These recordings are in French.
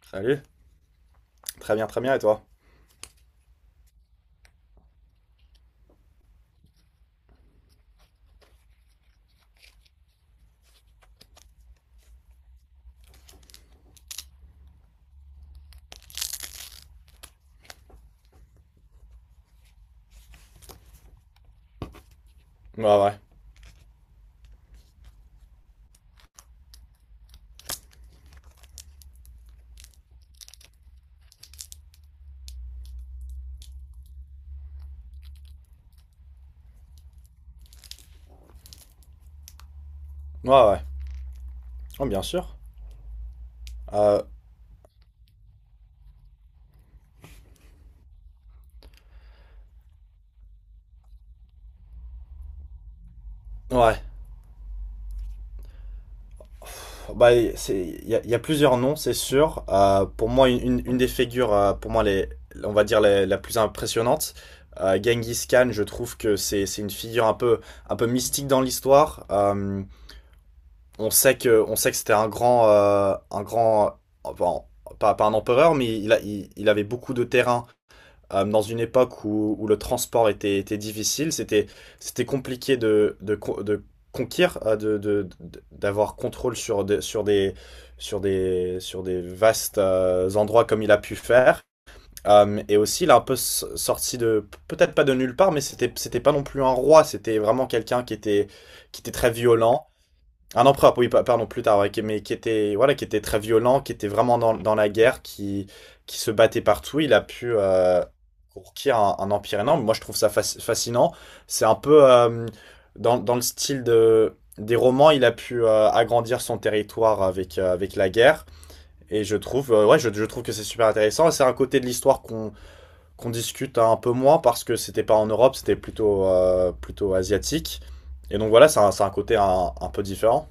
Salut. Très bien, et toi? Ouais, ouais. Ouais, ouais. Oh, bien sûr. Euh, ouais. Bah, il y a plusieurs noms, c'est sûr. Pour moi, une des figures, pour moi, les, on va dire les- la plus impressionnante, Genghis Khan, je trouve que c'est une figure un peu mystique dans l'histoire. On sait que c'était un grand, enfin, pas un empereur, mais il avait beaucoup de terrain dans une époque où le transport était difficile, c'était compliqué de conquérir, d'avoir contrôle sur des vastes endroits comme il a pu faire. Et aussi, il a un peu sorti de, peut-être pas de nulle part, mais c'était pas non plus un roi, c'était vraiment quelqu'un qui était très violent. Un empereur, oui, pardon, plus tard, ouais, mais qui était, voilà, qui était très violent, qui était vraiment dans la guerre, qui se battait partout. Il a pu conquérir un empire énorme. Moi, je trouve ça fascinant. C'est un peu dans le style de, des romans, il a pu agrandir son territoire avec, avec la guerre. Et je trouve, ouais, je trouve que c'est super intéressant. Et c'est un côté de l'histoire qu'on discute un peu moins parce que c'était pas en Europe, c'était plutôt, plutôt asiatique. Et donc voilà, c'est un côté un peu différent.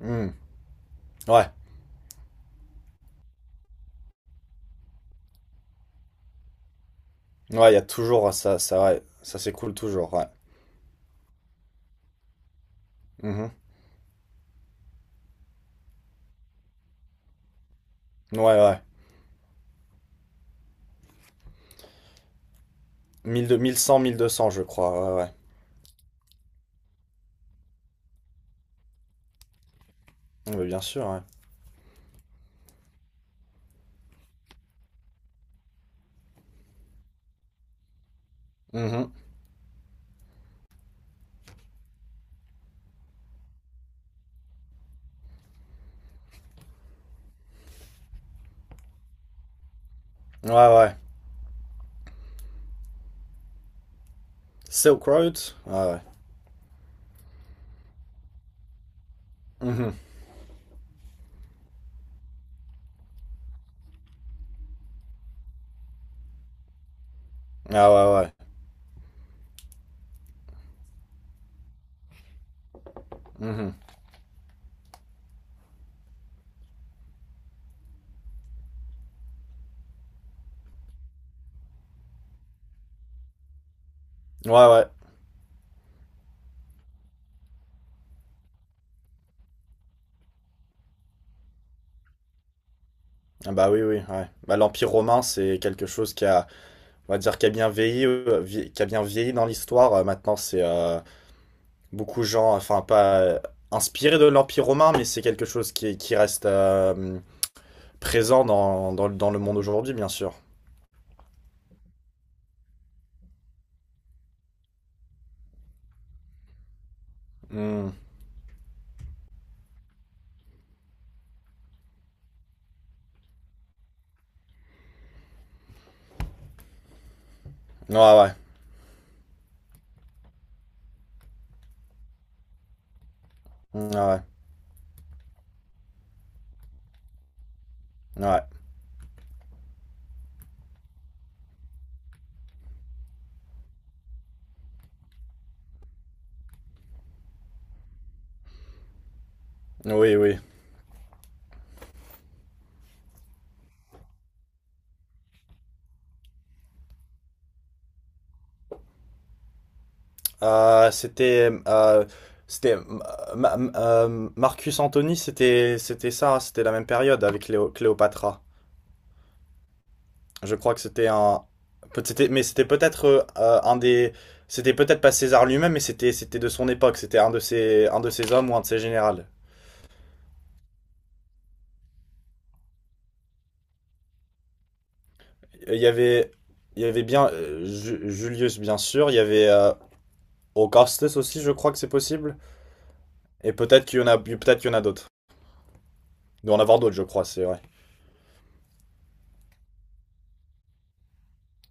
Hmm. Ouais, ouais, il y a toujours ça, ça, ouais. Ça s'écoule toujours, ouais. Mhm. Ouais, ouais. 1100, 1200 je crois, ouais, ouais. Ouais, bien sûr, ouais. Mhm. Ouais, ouais. Silk Road? Ouais, ouais. Mhm. Ah, ouais, ouais. Mhm. Ouais, ouais. Ah, bah oui, oui, ouais. Bah, l'Empire romain, c'est quelque chose qui a, on va dire, qui a bien vieilli, qui a bien vieilli dans l'histoire. Maintenant, c'est beaucoup de gens, enfin, pas inspirés de l'Empire romain, mais c'est quelque chose qui reste présent dans le monde aujourd'hui, bien sûr. Mm. Ouais, ouais. Hmm, ouais, ouais. Oui, oui. Euh, c'était. euh, Marcus Antony, c'était ça, hein, c'était la même période avec Cléopatra. Je crois que c'était un. Peut- c'était- Mais c'était peut-être un des. C'était peut-être pas César lui-même, mais c'était de son époque. C'était un de ses hommes ou un de ses générales. Il y avait, il y avait bien Julius, bien sûr. Il y avait Augustus aussi, je crois que c'est possible. Et peut-être qu'il y en a d'autres. Il doit en avoir d'autres, je crois, c'est vrai.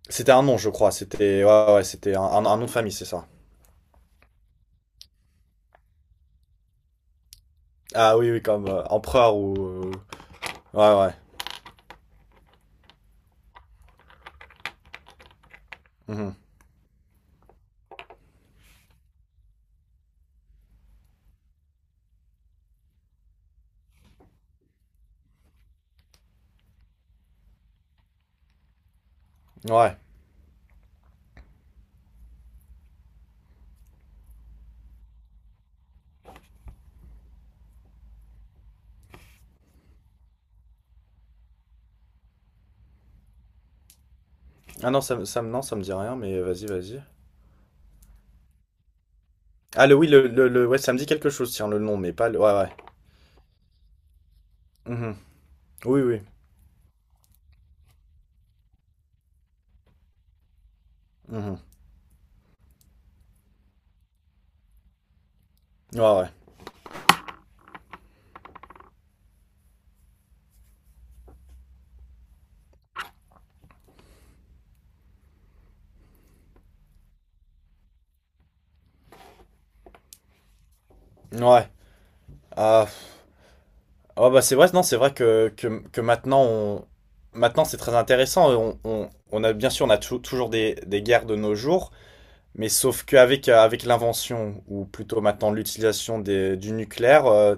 C'était un nom, je crois. C'était, ouais, ouais, ouais, c'était un nom de famille, c'est ça. Ah oui, oui, comme empereur ou. Ouais, ouais. Mhm. Ouais. Ah non, non, ça me dit rien, mais vas-y, vas-y. Ah, le oui, ouais, ça me dit quelque chose, tiens, le nom, mais pas le. Ouais, ouais. Mhm. Oui, oui. Mhm. Ouais, ouais. Ouais. Ah. pff. Oh, bah c'est vrai, non, c'est vrai que maintenant on. Maintenant, c'est très intéressant. On a bien sûr, on a toujours des guerres de nos jours. Mais sauf qu'avec avec l'invention, ou plutôt maintenant l'utilisation du nucléaire,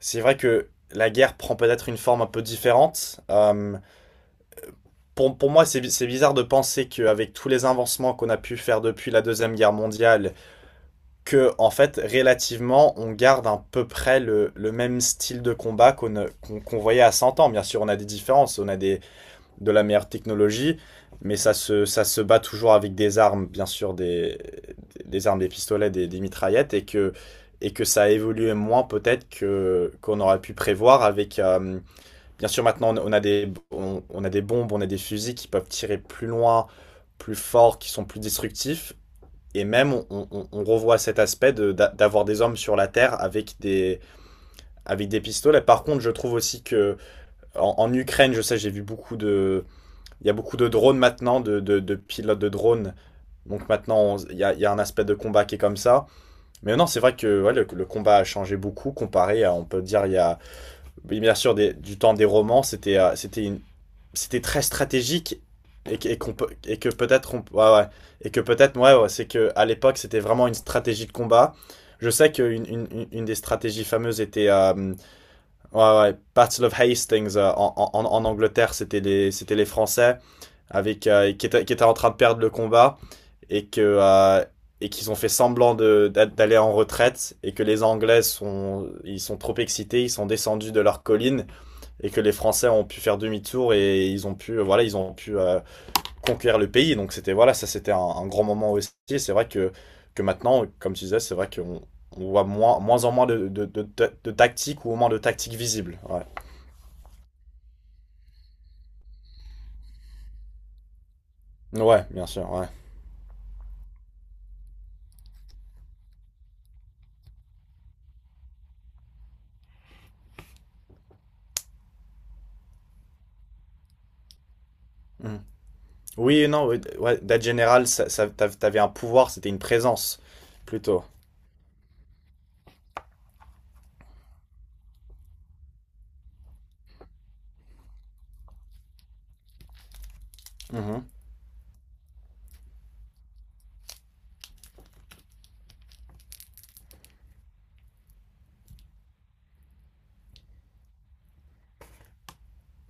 c'est vrai que la guerre prend peut-être une forme un peu différente. Pour moi, c'est c'est bizarre de penser qu'avec tous les avancements qu'on a pu faire depuis la Deuxième Guerre mondiale, que en fait, relativement, on garde à peu près le même style de combat qu'on voyait à 100 ans. Bien sûr, on a des différences, on a des, de la meilleure technologie, mais ça se bat toujours avec des armes, bien sûr, des armes, des pistolets, des mitraillettes, et que ça a évolué moins peut-être que, qu'on aurait pu prévoir avec. Bien sûr, maintenant, on a des bombes, on a des fusils qui peuvent tirer plus loin, plus fort, qui sont plus destructifs, et même, on revoit cet aspect d'avoir des hommes sur la terre avec avec des pistolets. Par contre, je trouve aussi que en Ukraine, je sais, j'ai vu beaucoup de, il y a beaucoup de drones maintenant, de, de pilotes de drones. Donc maintenant, y a un aspect de combat qui est comme ça. Mais non, c'est vrai que ouais, le combat a changé beaucoup comparé à, on peut dire, il y a, oui, bien sûr, du temps des romans, c'était c'était très stratégique, et, que- et qu'on peut- et que peut-être, on- ouais, ouais. Et que peut-être, ouais, ouais, c'est que à l'époque, c'était vraiment une stratégie de combat. Je sais qu'une une des stratégies fameuses était ouais, ouais, Battle of Hastings en Angleterre, c'était les Français avec qui était en train de perdre le combat et que et qu'ils ont fait semblant de d'aller en retraite et que les Anglais, sont ils sont trop excités, ils sont descendus de leur colline, et que les Français ont pu faire demi-tour et ils ont pu conquérir le pays. Donc c'était voilà, ça c'était un grand moment aussi. Et c'est vrai que maintenant, comme tu disais, c'est vrai qu'on on voit moins, en moins de tactiques, ou au moins de tactiques visibles, ouais, ouais, bien sûr, ouais. Mm. Oui et non, ouais, ouais, Date General, t'avais un pouvoir, c'était une présence, plutôt. Mhm,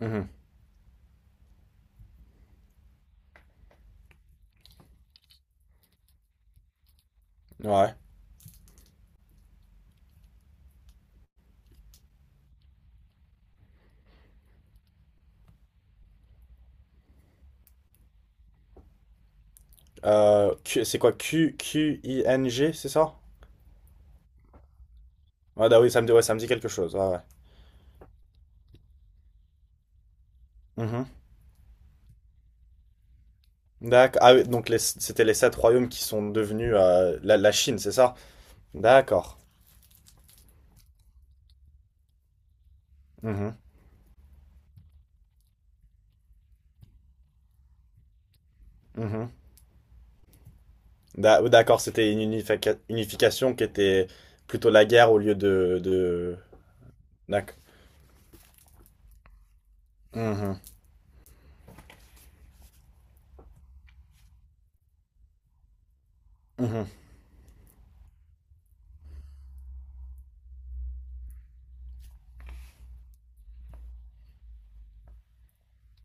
mhm. Ouais. C'est quoi? Q, Q-I-N-G, c'est ça? Ouais, bah oui, ça me dit, ouais, ça me dit quelque chose. Ouais, ouais. Mhm. D'accord. Ah oui, donc c'était les sept royaumes qui sont devenus la Chine, c'est ça? D'accord. Mhm, mhm. Oui, d'accord, c'était une unification qui était plutôt la guerre au lieu de. D'accord. Mhm, mhm,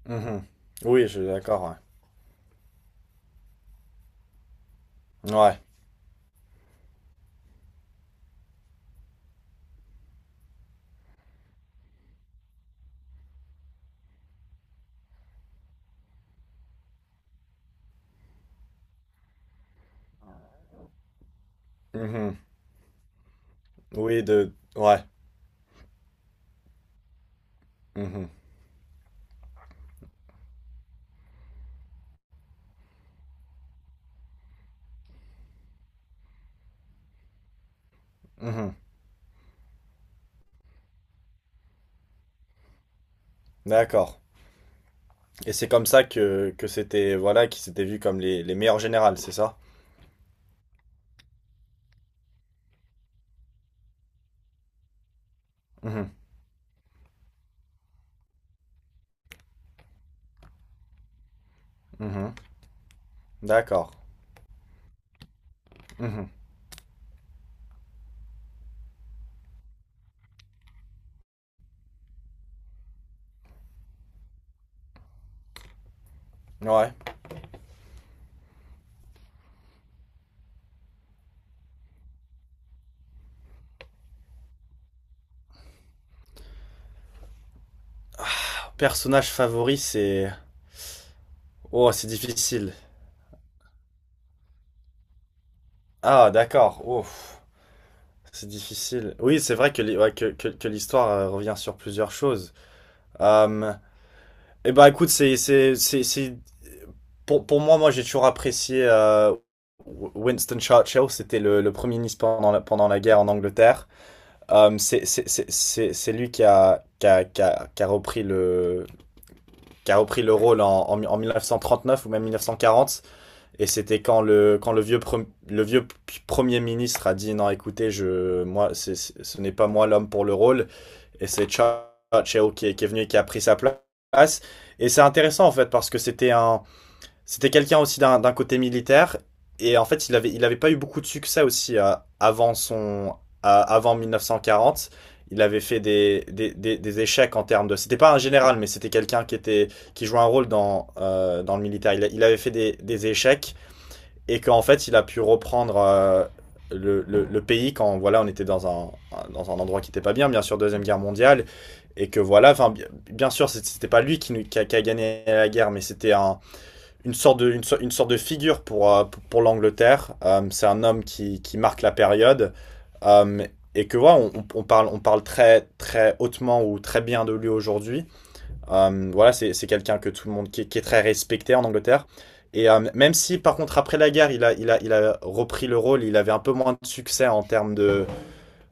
mhm. Oui, je suis d'accord, ouais. Ouais. Mhm. Oui, de... Ouais. Mhm. Mhm. D'accord. Et c'est comme ça que c'était, voilà, qu'ils s'étaient vus comme les meilleurs générales, c'est ça? Mhm. Mhm. D'accord. Mhm. Ouais. Ah, personnage favori, c'est... Oh, c'est difficile. Ah, d'accord. Ouf. C'est difficile. Oui, c'est vrai que, ouais, que l'histoire revient sur plusieurs choses. Hum, Eh ben écoute, c'est pour moi, j'ai toujours apprécié Winston Churchill. C'était le premier ministre pendant la guerre en Angleterre. C'est lui qui a qui a qui a, qui a repris le qui a repris le rôle en 1939, ou même 1940. Et c'était quand le vieux premier ministre a dit non, écoutez, je moi, ce n'est pas moi l'homme pour le rôle. Et c'est Churchill qui est venu et qui a pris sa place. Et c'est intéressant en fait parce que c'était c'était quelqu'un aussi d'un côté militaire, et en fait il avait pas eu beaucoup de succès aussi avant son, avant 1940. Il avait fait des échecs en termes de. C'était pas un général, mais c'était quelqu'un qui jouait un rôle dans le militaire. Il avait fait des échecs, et qu'en fait il a pu reprendre pays quand voilà, on était dans un endroit qui n'était pas bien, bien sûr, deuxième guerre mondiale. Et que voilà, enfin, bien sûr c'était pas lui qui a gagné la guerre, mais c'était une sorte de sorte de figure pour pour l'Angleterre. C'est un homme qui marque la période. Euh, et que voilà, ouais, on parle très très hautement, ou très bien, de lui aujourd'hui. Voilà, c'est quelqu'un que tout le monde qui est très respecté en Angleterre. Et même si, par contre, après la guerre, il a repris le rôle, il avait un peu moins de succès en termes de,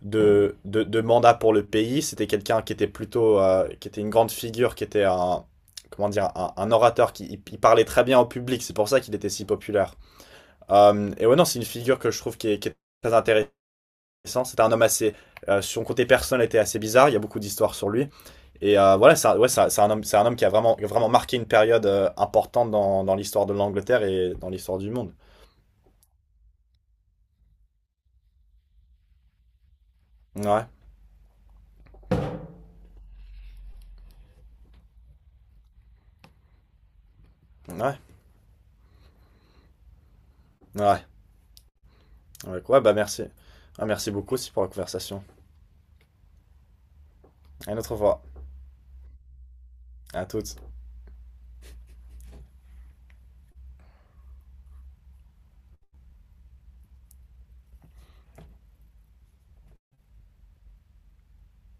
de, de, de mandat pour le pays. C'était quelqu'un qui était plutôt, qui était une grande figure, qui était un, comment dire, un orateur qui il parlait très bien au public. C'est pour ça qu'il était si populaire. Et ouais, non, c'est une figure que je trouve qui est très intéressante. C'était un homme assez, son côté personnel était assez bizarre. Il y a beaucoup d'histoires sur lui. Et voilà, c'est un homme qui a vraiment, vraiment marqué une période importante dans l'histoire de l'Angleterre et dans l'histoire du monde. Ouais, ouais, ouais. Ouais, ouais, bah merci. Ouais, merci beaucoup aussi pour la conversation. À une autre fois. À toutes.